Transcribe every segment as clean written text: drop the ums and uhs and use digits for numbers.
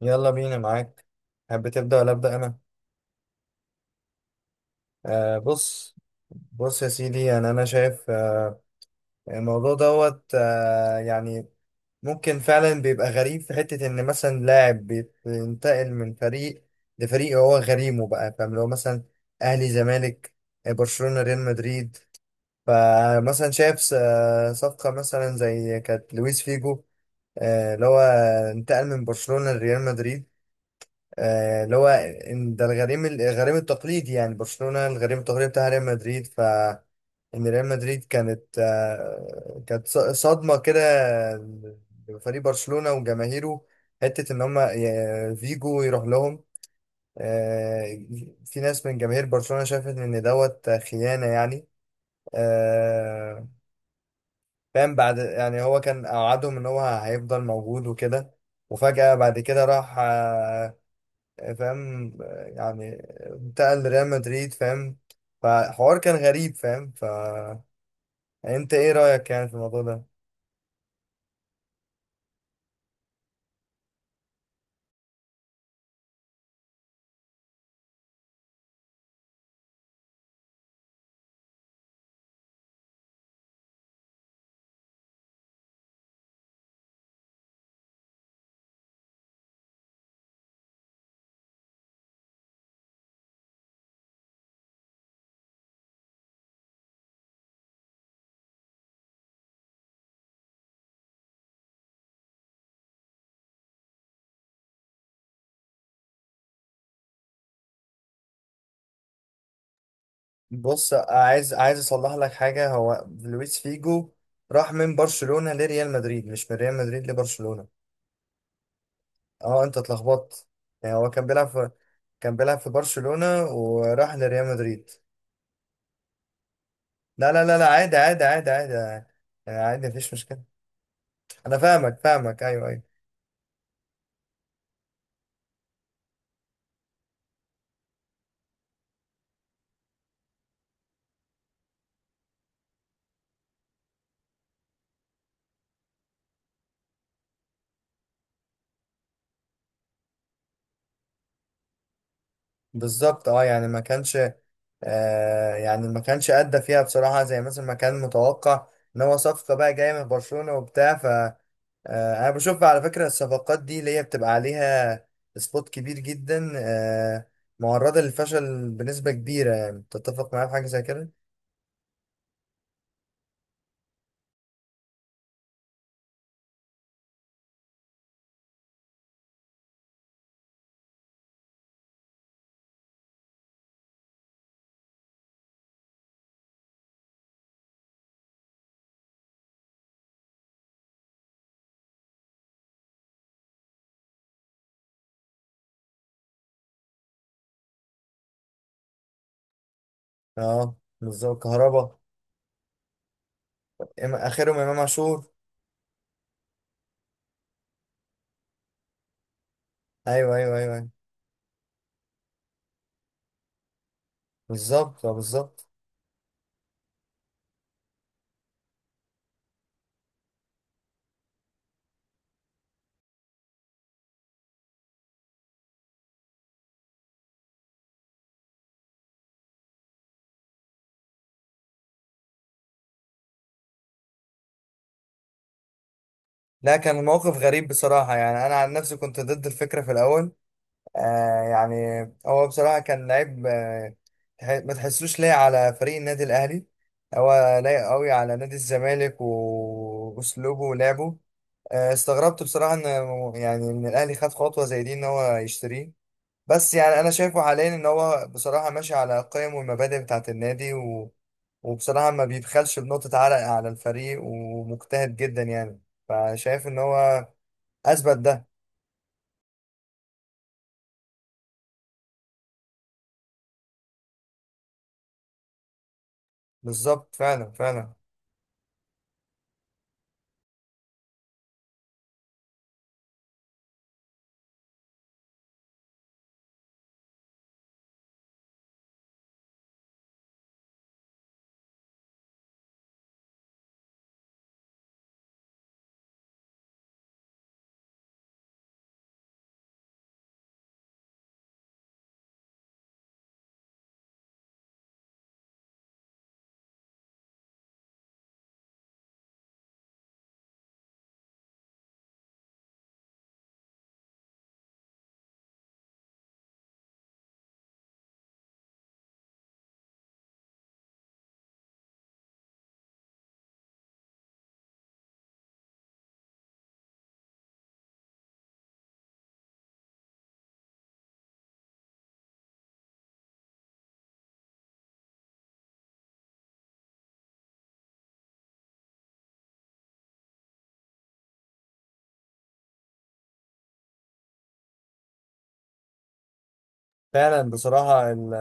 يلا بينا معاك. حابب تبدأ ولا أبدأ أنا؟ آه، بص. بص يا سيدي، يعني أنا شايف آه، الموضوع دوت يعني ممكن فعلا بيبقى غريب في حتة إن مثلا لاعب بينتقل من فريق لفريق هو غريمه، بقى فاهم؟ لو مثلا أهلي زمالك، برشلونة ريال مدريد. فمثلا شايف صفقة مثلا زي كانت لويس فيجو، اللي هو انتقل من برشلونة لريال مدريد. اللي هو إن ده الغريم، الغريم التقليدي يعني، برشلونة الغريم التقليدي بتاع ريال مدريد. ف ان ريال مدريد كانت كانت صدمة كده لفريق برشلونة وجماهيره، حتة ان هم فيجو يروح لهم. آه، في ناس من جماهير برشلونة شافت ان دوت خيانة يعني. آه، فاهم؟ بعد يعني هو كان اوعدهم ان هو هيفضل موجود وكده، وفجأة بعد كده راح. فاهم؟ يعني انتقل لريال مدريد، فاهم؟ فحوار كان غريب، فاهم؟ فانت ايه رأيك يعني في الموضوع ده؟ بص، عايز اصلح لك حاجة. هو لويس فيجو راح من برشلونة لريال مدريد، مش من ريال مدريد لبرشلونة. اه، انت اتلخبطت يعني. هو كان بيلعب في برشلونة وراح لريال مدريد. لا عادي، عادي يعني، عادي، مفيش مشكلة. انا فاهمك ايوه ايوه. بالظبط اه، يعني ما كانش، يعني ما كانش ادى فيها بصراحه زي مثلا ما كان متوقع، ان هو صفقه بقى جايه من برشلونه وبتاع. ف انا بشوف على فكره، الصفقات دي اللي هي بتبقى عليها سبوت كبير جدا، آه، معرضه للفشل بنسبه كبيره. يعني تتفق معايا في حاجه زي كده؟ اه، بالظبط. كهربا، اخرهم امام عاشور. ايوه ايوه ايوه، أيوة. بالظبط، اه، بالظبط. لا، كان الموقف غريب بصراحه، يعني انا عن نفسي كنت ضد الفكره في الاول. آه يعني هو بصراحة كان لعيب، ما تحسوش لايق على فريق النادي الأهلي. هو لايق قوي على نادي الزمالك وأسلوبه ولعبه. آه، استغربت بصراحة إن، يعني إن الأهلي خد خطوة زي دي، إن هو يشتريه. بس يعني أنا شايفه حاليا إن هو بصراحة ماشي على القيم والمبادئ بتاعة النادي، و... وبصراحة ما بيبخلش بنقطة عرق على الفريق، ومجتهد جدا يعني. فشايف إن هو أثبت ده. بالظبط، فعلا فعلا. فعلا بصراحة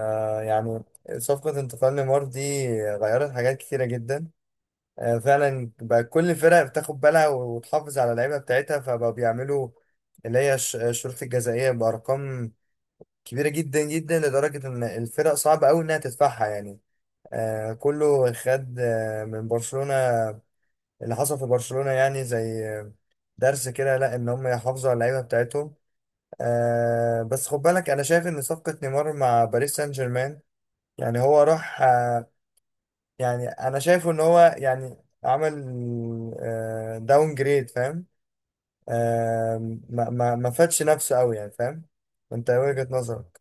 يعني صفقة انتقال نيمار دي غيرت حاجات كتيرة جدا. آه، فعلا بقى كل الفرق بتاخد بالها وتحافظ على اللعيبة بتاعتها، فبقوا بيعملوا اللي هي الشروط الجزائية بأرقام كبيرة جدا جدا، لدرجة إن الفرق صعب أوي إنها تدفعها يعني. آه، كله خد من برشلونة، اللي حصل في برشلونة يعني زي درس كده لا، إن هم يحافظوا على اللعيبة بتاعتهم. آه، بس خد بالك، أنا شايف إن صفقة نيمار مع باريس سان جيرمان، يعني هو راح انا شايفه ان هو يعني عمل داون جريد، فاهم؟ آه، ما فادش نفسه قوي يعني، فاهم؟ انت إيه وجهة نظرك؟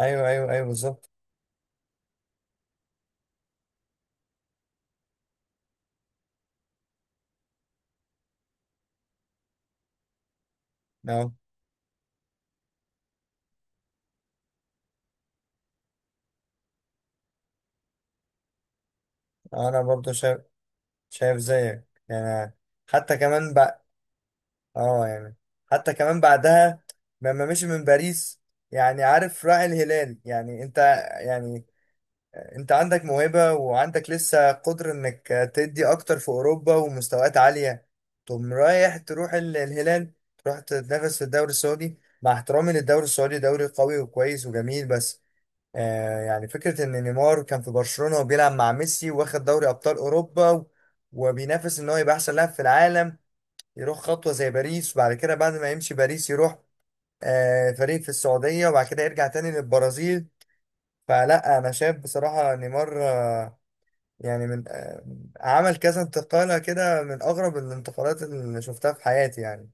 ايوه ايوه ايوه، بالظبط. أهو. انا برضو شايف، شايف زيك يعني. حتى كمان بقى، اه يعني حتى كمان بعدها لما مشي من باريس، يعني عارف راعي الهلال، يعني انت، يعني انت عندك موهبة وعندك لسه قدرة انك تدي اكتر في اوروبا ومستويات عالية، تقوم رايح تروح الهلال، تروح تتنافس في الدوري السعودي، مع احترامي للدوري السعودي دوري قوي وكويس وجميل، بس آه يعني فكرة ان نيمار كان في برشلونة وبيلعب مع ميسي، واخد دوري ابطال اوروبا، و- وبينافس ان هو يبقى احسن لاعب في العالم، يروح خطوة زي باريس، وبعد كده بعد ما يمشي باريس يروح آه فريق في السعودية، وبعد كده يرجع تاني للبرازيل. فلا، انا شايف بصراحة نيمار آه، يعني من آه، عمل كذا انتقالة كده، من أغرب الانتقالات اللي شفتها في حياتي يعني.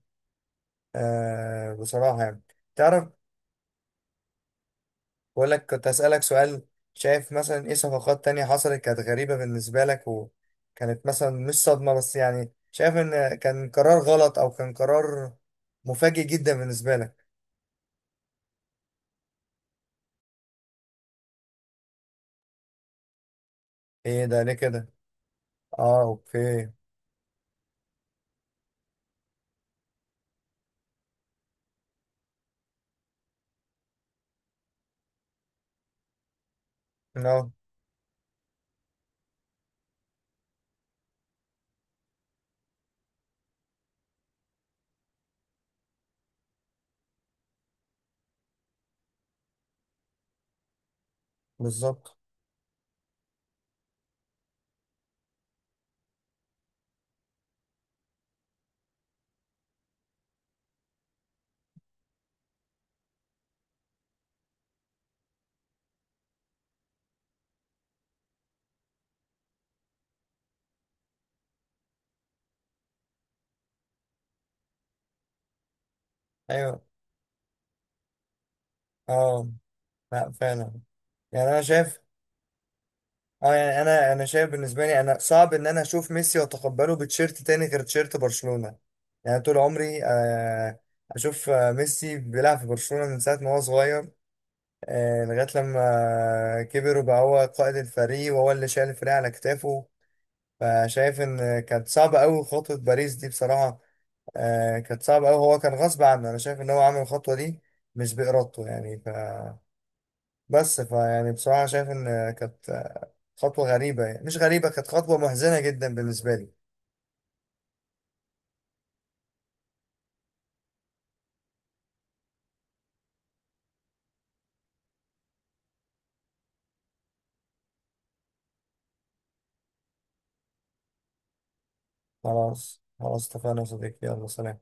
آه بصراحة يعني، تعرف، بقول لك، كنت أسألك سؤال. شايف مثلا إيه صفقات تانية حصلت كانت غريبة بالنسبة لك، وكانت مثلا مش صدمة بس يعني شايف إن كان قرار غلط، أو كان قرار مفاجئ جدا بالنسبة لك؟ إيه ده ليه كده؟ آه أوكي. آه بالظبط. أيوه. آه. لا فعلا، يعني أنا شايف، اه يعني انا شايف بالنسبه لي، انا صعب ان انا اشوف ميسي واتقبله بتشيرت تاني غير تشيرت برشلونه. يعني طول عمري اشوف ميسي بيلعب في برشلونه من ساعه ما هو صغير، لغايه لما كبر وبقى هو قائد الفريق وهو اللي شايل الفريق على كتافه. فشايف ان كانت صعبه قوي خطوه باريس دي بصراحه. آه، كانت صعبه قوي، هو كان غصب عنه، انا شايف ان هو عمل الخطوه دي مش بإرادته يعني. بس فيعني بصراحة شايف إن كانت خطوة غريبة، يعني مش غريبة، كانت خطوة محزنة جدا بالنسبة لي. خلاص خلاص، اتفقنا يا صديقي، يلا سلام.